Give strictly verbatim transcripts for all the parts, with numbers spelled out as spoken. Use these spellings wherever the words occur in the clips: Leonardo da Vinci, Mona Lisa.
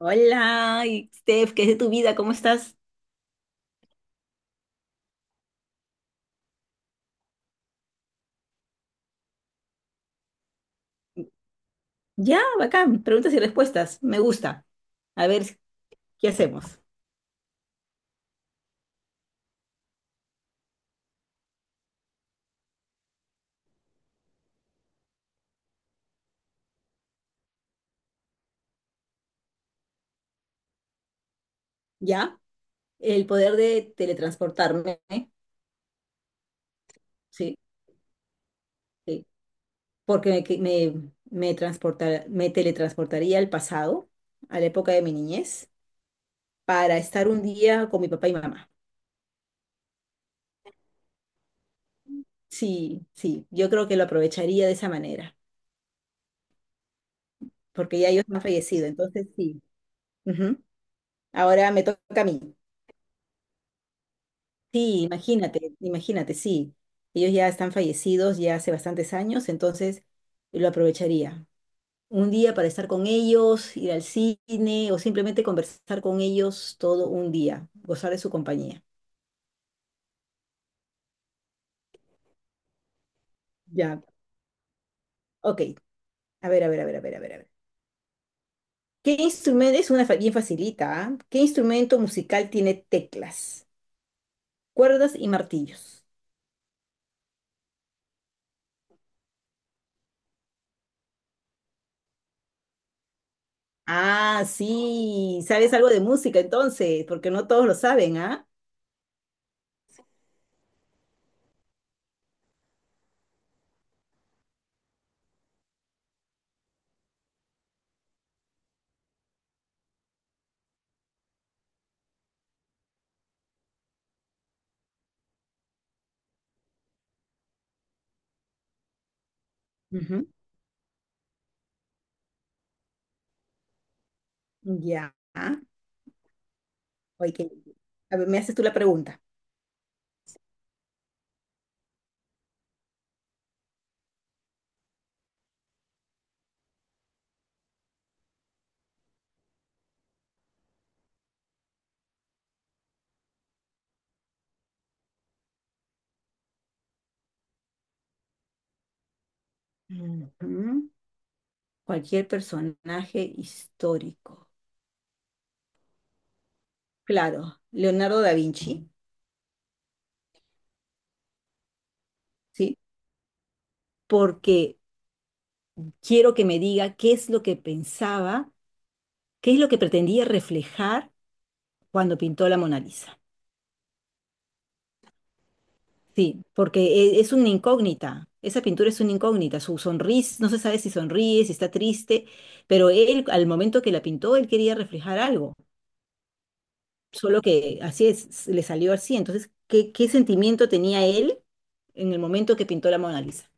Hola, y Steph, ¿qué es de tu vida? ¿Cómo estás? Ya, bacán. Preguntas y respuestas. Me gusta. A ver, ¿qué hacemos? ¿Ya? El poder de teletransportarme. ¿eh? Sí, sí. Porque me, que- me, me transportar- me teletransportaría al pasado, a la época de mi niñez, para estar un día con mi papá y mamá. Sí, sí. Yo creo que lo aprovecharía de esa manera, porque ya ellos han fallecido. Entonces, sí. Ujú. Ahora me toca a mí. Sí, imagínate, imagínate, sí. Ellos ya están fallecidos ya hace bastantes años, entonces lo aprovecharía. Un día para estar con ellos, ir al cine o simplemente conversar con ellos todo un día, gozar de su compañía. Ya. Ok, a ver, a ver, a ver, a ver, a ver, a ver. ¿Qué instrumento es una fa- bien facilita? ¿Ah? ¿Qué instrumento musical tiene teclas, cuerdas y martillos? Ah, sí, sabes algo de música entonces, porque no todos lo saben, ¿ah? Ujú. Ya. Ay, qué- A ver, me haces tú la pregunta. Ujú. Cualquier personaje histórico. Claro, Leonardo da Vinci, ¿sí? Porque quiero que me diga qué es lo que pensaba, qué es lo que pretendía reflejar cuando pintó la Mona Lisa. Sí, porque e- es una incógnita, esa pintura es una incógnita, su sonrisa, no se sabe si sonríe, si está triste, pero él al momento que la pintó, él quería reflejar algo. Solo que así es, le salió así. Entonces, ¿qué, ¿qué sentimiento tenía él en el momento que pintó la Mona Lisa?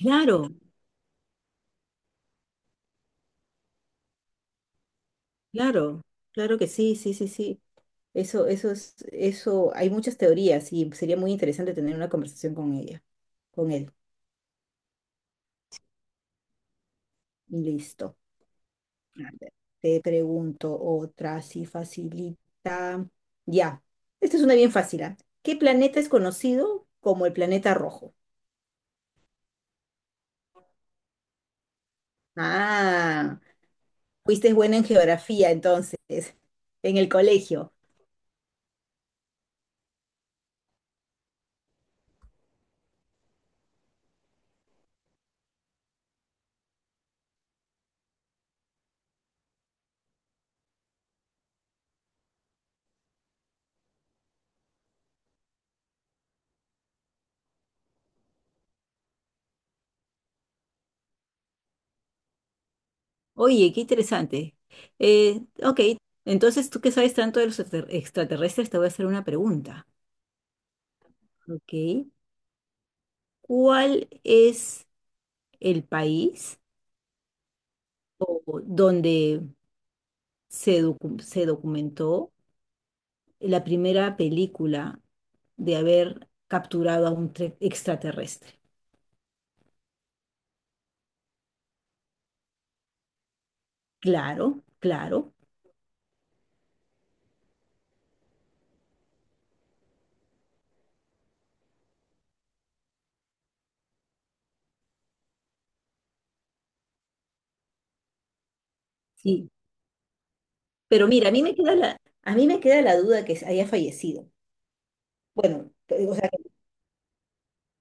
Claro, claro, claro que sí, sí, sí, sí. Eso, eso es, eso, hay muchas teorías y sería muy interesante tener una conversación con ella, con él. Listo. A ver, te pregunto otra, así facilita. Ya, esta es una bien fácil, ¿ah? ¿Qué planeta es conocido como el planeta rojo? Ah. Fuiste buena en geografía entonces, en el colegio. Oye, qué interesante. Eh, ok, entonces tú que sabes tanto de los extra- extraterrestres, te voy a hacer una pregunta. Ok, ¿cuál es el país o- donde se, docu- se documentó la primera película de haber capturado a un tre- extraterrestre? Claro, claro, sí. Pero mira, a mí me queda la, a mí me queda la duda que haya fallecido. Bueno, o sea,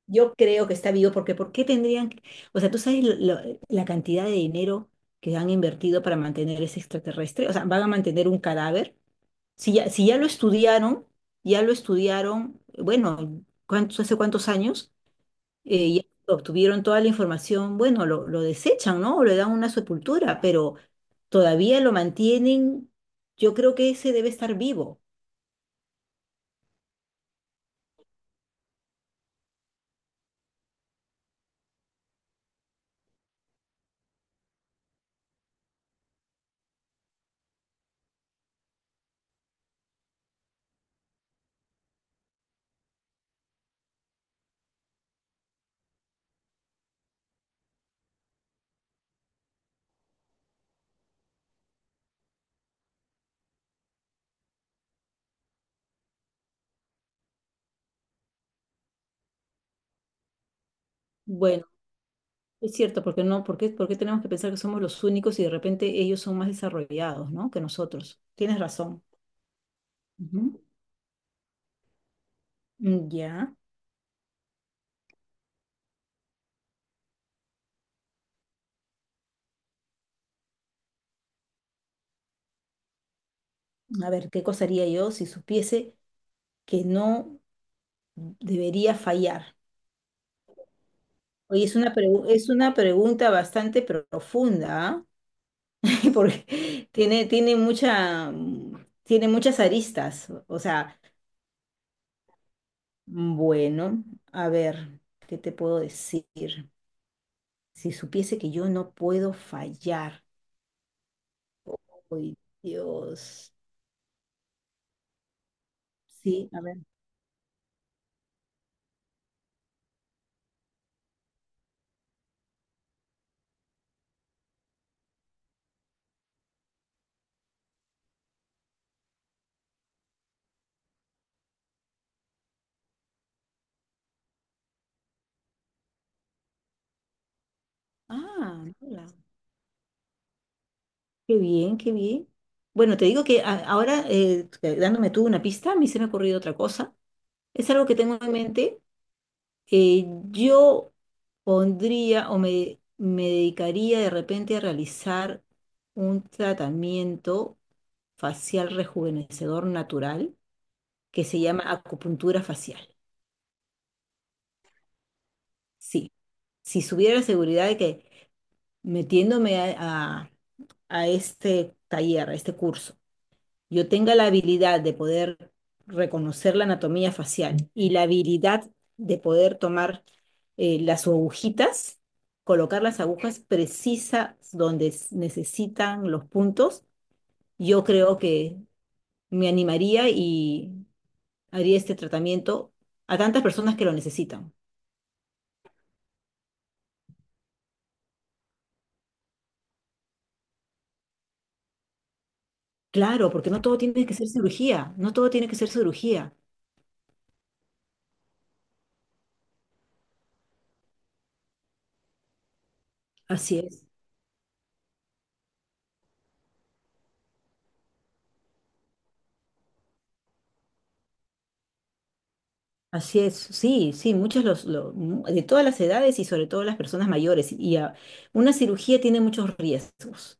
yo creo que está vivo porque ¿por qué tendrían, que- o sea, tú sabes lo- la cantidad de dinero que han invertido para mantener ese extraterrestre. O sea, van a mantener un cadáver. Si ya, si ya lo estudiaron, ya lo estudiaron, bueno, ¿cuántos, hace cuántos años? Eh, ya obtuvieron toda la información, bueno, lo, lo desechan, ¿no? O le dan una sepultura, pero todavía lo mantienen. Yo creo que ese debe estar vivo. Bueno. Es cierto, porque no, porque porque tenemos que pensar que somos los únicos y de repente ellos son más desarrollados, ¿no? ¿Que nosotros? Tienes razón. Ujú. Mm, Ya. A ver, ¿qué cosa haría yo si supiese que no debería fallar? Oye, es una, pregu- es una pregunta bastante profunda, ¿ah? Porque tiene, tiene mucha, mm, tiene muchas aristas. O sea, bueno, a ver, ¿qué te puedo decir? Si supiese que yo no puedo fallar. Uy, Dios. Sí, a ver. Ah, Nola. Qué bien, qué bien. Bueno, te digo que a- ahora, eh, dándome tú una pista, a mí se me ha ocurrido otra cosa. Es algo que tengo en mente. Eh, yo pondría o me, me dedicaría de repente a realizar un tratamiento facial rejuvenecedor natural que se llama acupuntura facial. Sí, si supiera la seguridad de que metiéndome a, a este taller, a este curso, yo tenga la habilidad de poder reconocer la anatomía facial y la habilidad de poder tomar eh, las agujitas, colocar las agujas precisas donde s- necesitan los puntos, yo creo que me animaría y haría este tratamiento a tantas personas que lo necesitan. Claro, porque no todo tiene que ser cirugía, no todo tiene que ser cirugía. Así es. Así es, sí, sí, muchos los, lo- mu- de todas las edades y sobre todo las personas mayores. Y a- una cirugía tiene muchos riesgos.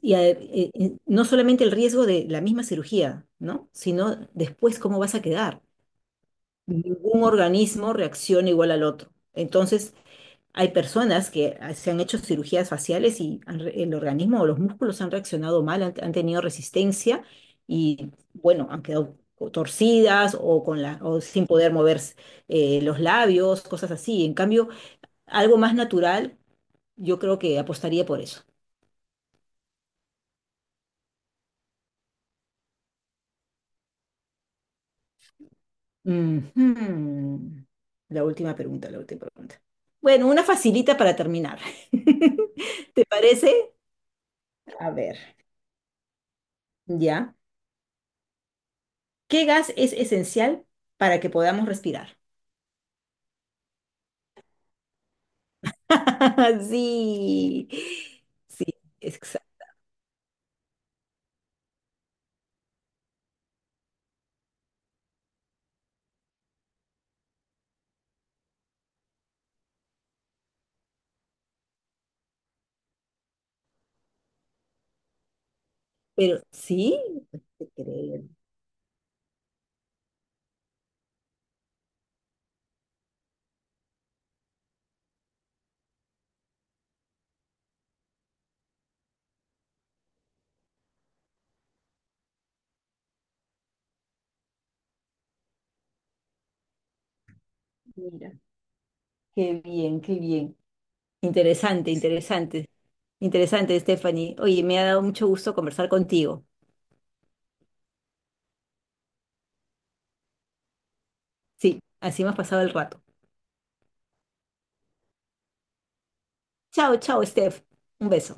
Y a- eh, eh, no solamente el riesgo de la misma cirugía, ¿no? Sino después cómo vas a quedar. Ningún organismo reacciona igual al otro. Entonces, hay personas que ah, se han hecho cirugías faciales y han re- el organismo o los músculos han reaccionado mal, han, han tenido resistencia y, bueno, han quedado co- torcidas o, con la, o sin poder mover eh, los labios, cosas así. En cambio, algo más natural, yo creo que apostaría por eso. Ujú. La última pregunta, la última pregunta. Bueno, una facilita para terminar. ¿Te parece? A ver, ya. ¿Qué gas es esencial para que podamos respirar? Sí, sí, exacto. Pero sí, no te creo. Mira, qué bien, qué bien. Interesante, interesante, interesante, Stephanie. Oye, me ha dado mucho gusto conversar contigo. Sí, así hemos pasado el rato. Chao, chao, Steph. Un beso.